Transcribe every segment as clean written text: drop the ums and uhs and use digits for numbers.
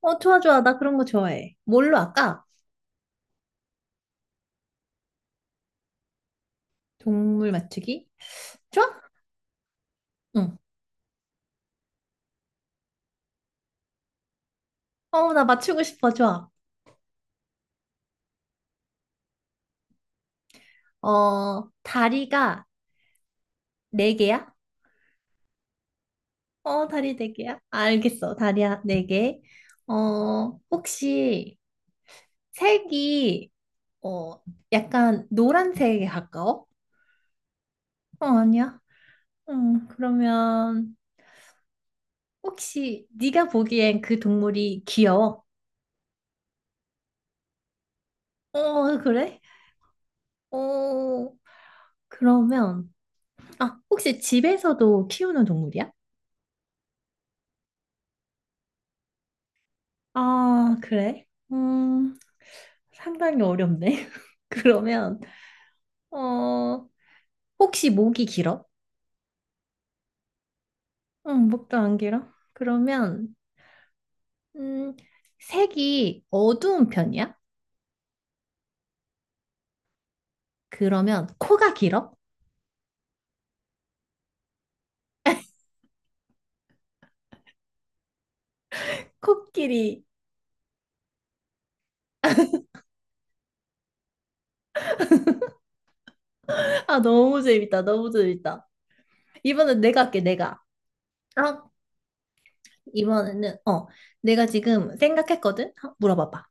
좋아, 좋아. 나 그런 거 좋아해. 뭘로 할까? 동물 맞추기? 좋아? 응. 나 맞추고 싶어. 좋아. 다리가 네 개야? 다리 네 개야? 알겠어. 다리야 네 개. 혹시 색이, 어, 약간 노란색에 가까워? 아니야. 응, 그러면 혹시 네가 보기엔 그 동물이 귀여워? 그래? 어, 그러면 아, 혹시 집에서도 키우는 동물이야? 아, 그래? 음, 상당히 어렵네. 그러면, 어, 혹시 목이 길어? 응, 목도 안 길어. 그러면, 음, 색이 어두운 편이야? 그러면 코가 길어? 코끼리. 아, 너무 재밌다. 너무 재밌다. 이번엔 내가 할게, 내가. 아, 이번에는, 내가 지금 생각했거든? 물어봐봐.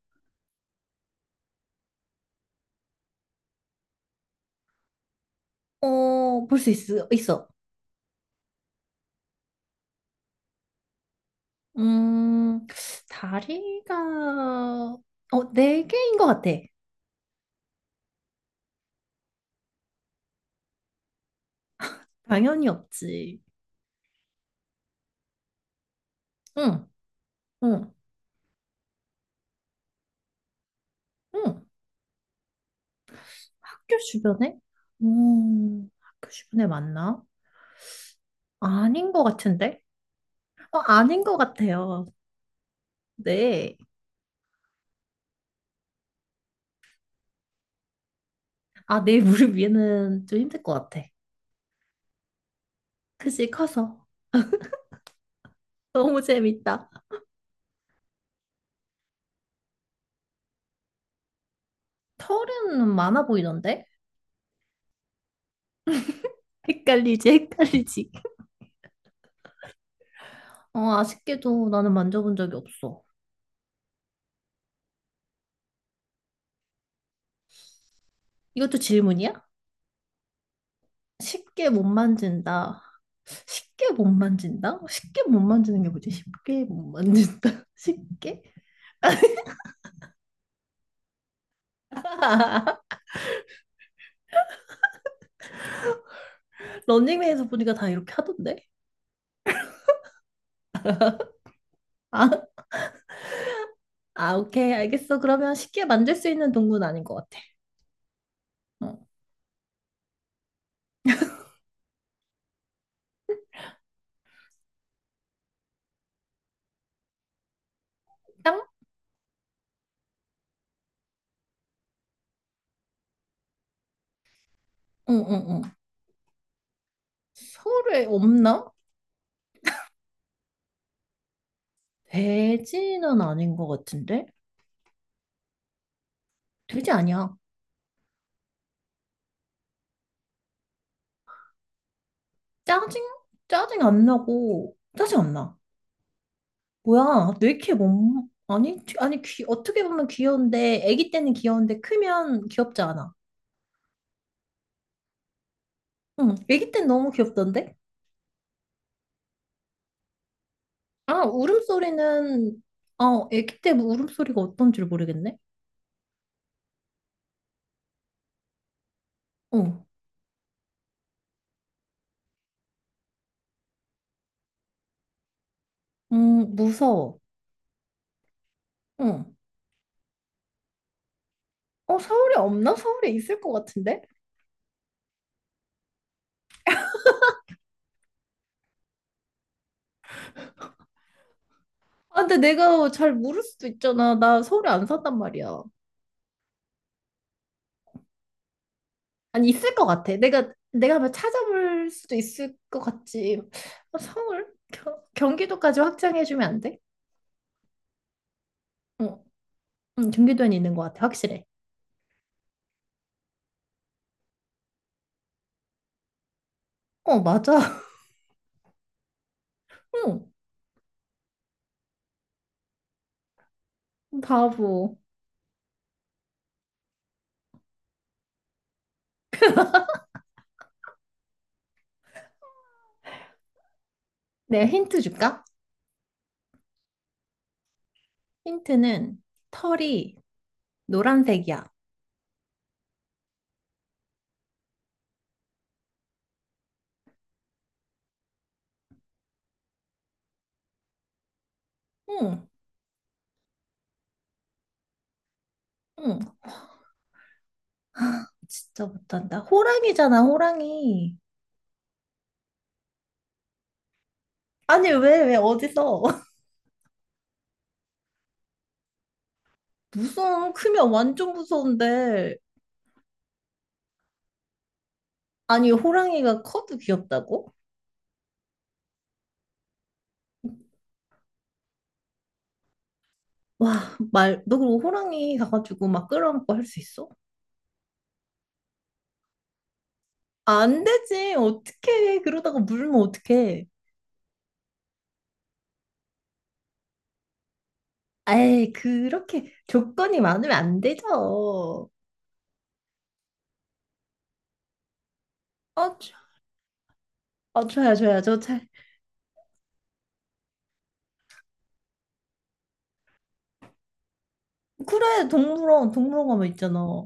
볼 수 있어. 음, 다리가, 네 개인 것 같아. 당연히 없지. 응, 응, 응. 학교 주변에? 학교 주변에 맞나? 아닌 것 같은데? 아닌 것 같아요. 네. 아, 내 무릎 위에는 좀 힘들 것 같아. 그지, 커서. 너무 재밌다. 털은 많아 보이던데? 헷갈리지, 헷갈리지. 아쉽게도 나는 만져본 적이 없어. 이것도 질문이야? 쉽게 못 만진다. 쉽게 못 만진다? 쉽게 못 만지는 게 뭐지? 쉽게 못 만진다. 쉽게? 런닝맨에서 보니까 다 이렇게 하던데? 아, 아, 오케이. 알겠어. 그러면 쉽게 만질 수 있는 동물은 아닌 것 같아. 어. 땅? 응, 응, 응. 서울에 없나? 돼지는 아닌 것 같은데? 돼지 아니야. 짜증? 짜증 안 나고, 짜증 안 나. 뭐야, 왜 이렇게 못, 아니, 귀- 아니, 귀, 어떻게 보면 귀여운데, 아기 때는 귀여운데, 크면 귀엽지 않아. 응, 아기 때는 너무 귀엽던데? 아, 울음소리는, 아기 때 뭐 울음소리가 어떤지 모르겠네? 어, 무서워. 응. 어, 서울에 없나? 서울에 있을 것 같은데? 아, 근데 내가 잘 모를 수도 있잖아. 나 서울에 안 산단 말이야. 아니, 있을 것 같아. 내가, 내가 한번 찾아볼 수도 있을 것 같지. 아, 서울? 경, 경기도까지 확장해주면 안 돼? 응, 응. 응, 경기도에는 있는 것 같아, 확실해. 어, 맞아. 응, 바보. 내가 힌트 줄까? 힌트는 털이 노란색이야. 응, 응, 진짜 못한다. 호랑이잖아, 호랑이. 아니, 왜, 왜, 어디서? 무서워. 크면 완전 무서운데. 아니, 호랑이가 커도 귀엽다고? 와, 말, 너 그리고 호랑이 가가지고 막 끌어안고 할 수 있어? 안 되지. 어떡해. 그러다가 물면 어떡해. 에이, 그렇게 조건이 많으면 안 되죠. 어, 줘- 줘야, 줘야저 잘. 그래, 동물원, 동물원 가면 있잖아.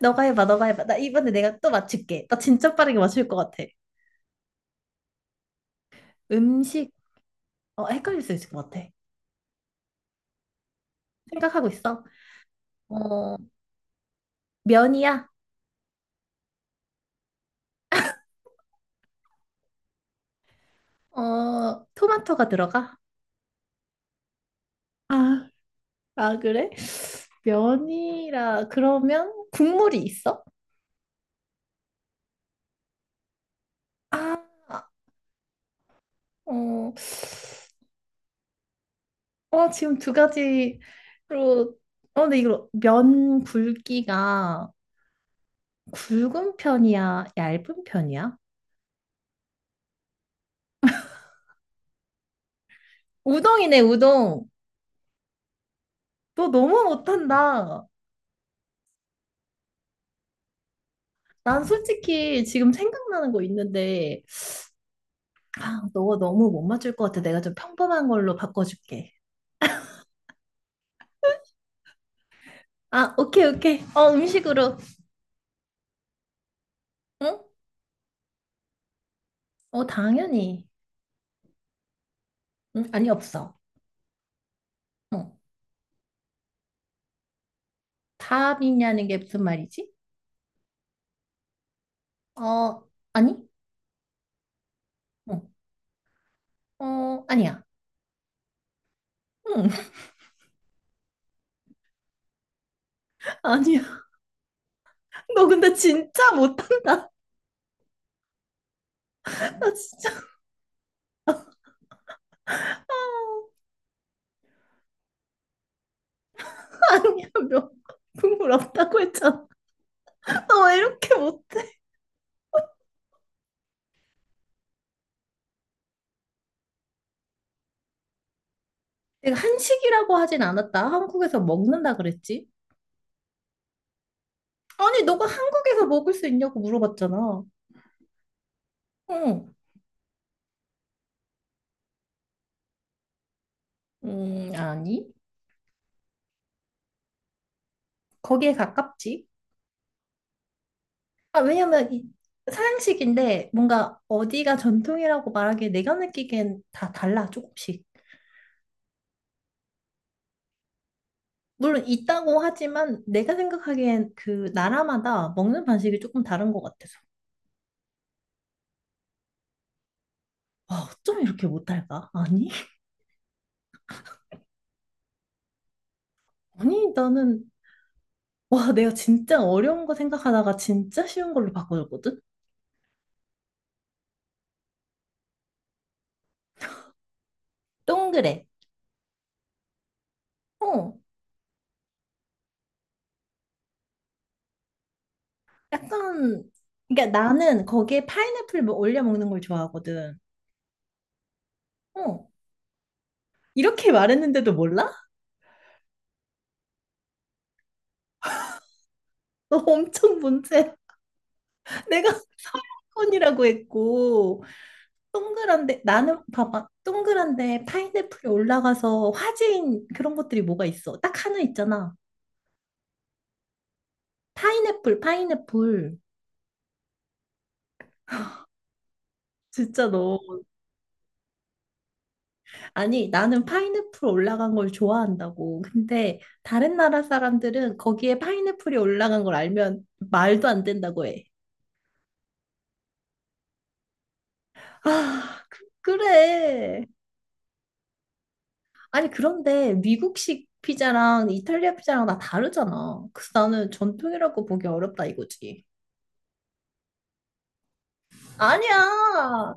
너가 해봐, 너가 해봐. 나 이번에 내가 또 맞출게. 나 진짜 빠르게 맞출 것 같아. 음식, 헷갈릴 수 있을 것 같아. 생각하고 있어. 어, 면이야. 토마토가 들어가. 아, 아, 그래? 면이라, 그러면 국물이 있어? 아, 어, 어, 지금 두 가지로, 근데 이거 면 굵기가 굵은 편이야? 얇은 편이야? 우동이네, 우동. 너 너무 못한다. 난 솔직히 지금 생각나는 거 있는데, 아, 너가 너무 못 맞출 것 같아. 내가 좀 평범한 걸로 바꿔줄게. 아, 오케이, 오케이. 어, 음식으로. 응? 당연히. 응, 아니, 없어. 응. 답이냐는 게 무슨 말이지? 어, 아니? 응. 어, 아니야. 응, 아니야. 너 근데 진짜 못한다. 나 진짜. 아, 아니야, 몇 국물 없다고 했잖아. 너 왜 이렇게 못해? 내가 한식이라고 하진 않았다. 한국에서 먹는다 그랬지? 아니, 너가 한국에서 먹을 수 있냐고 물어봤잖아. 응. 아니. 거기에 가깝지. 아, 왜냐면 이 서양식인데 뭔가 어디가 전통이라고 말하기에 내가 느끼기엔 다 달라, 조금씩. 물론 있다고 하지만 내가 생각하기엔 그 나라마다 먹는 방식이 조금 다른 것 같아서. 아, 어쩜 이렇게 못할까? 아니? 아니, 나는, 와, 내가 진짜 어려운 거 생각하다가 진짜 쉬운 걸로 바꿔줬거든? 동그래. 어, 약간, 그러니까 나는 거기에 파인애플 뭐 올려 먹는 걸 좋아하거든. 어, 이렇게 말했는데도 몰라? 너 엄청 문제. 내가 서양권이라고 했고, 동그란데, 나는 봐봐, 동그란데 파인애플이 올라가서 화제인 그런 것들이 뭐가 있어? 딱 하나 있잖아. 파인애플, 파인애플. 진짜 너. 아니, 나는 파인애플 올라간 걸 좋아한다고. 근데 다른 나라 사람들은 거기에 파인애플이 올라간 걸 알면 말도 안 된다고 해. 아, 그, 그래. 아니, 그런데 미국식 피자랑 이탈리아 피자랑 다 다르잖아. 그래서 나는 전통이라고 보기 어렵다 이거지. 아니야.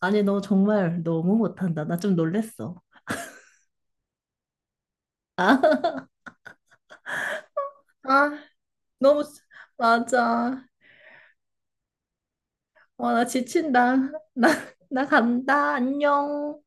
아니, 너 정말 너무 못한다. 나 좀 놀랬어. 아, 너무, 맞아. 어, 나 지친다. 나, 나 간다. 안녕.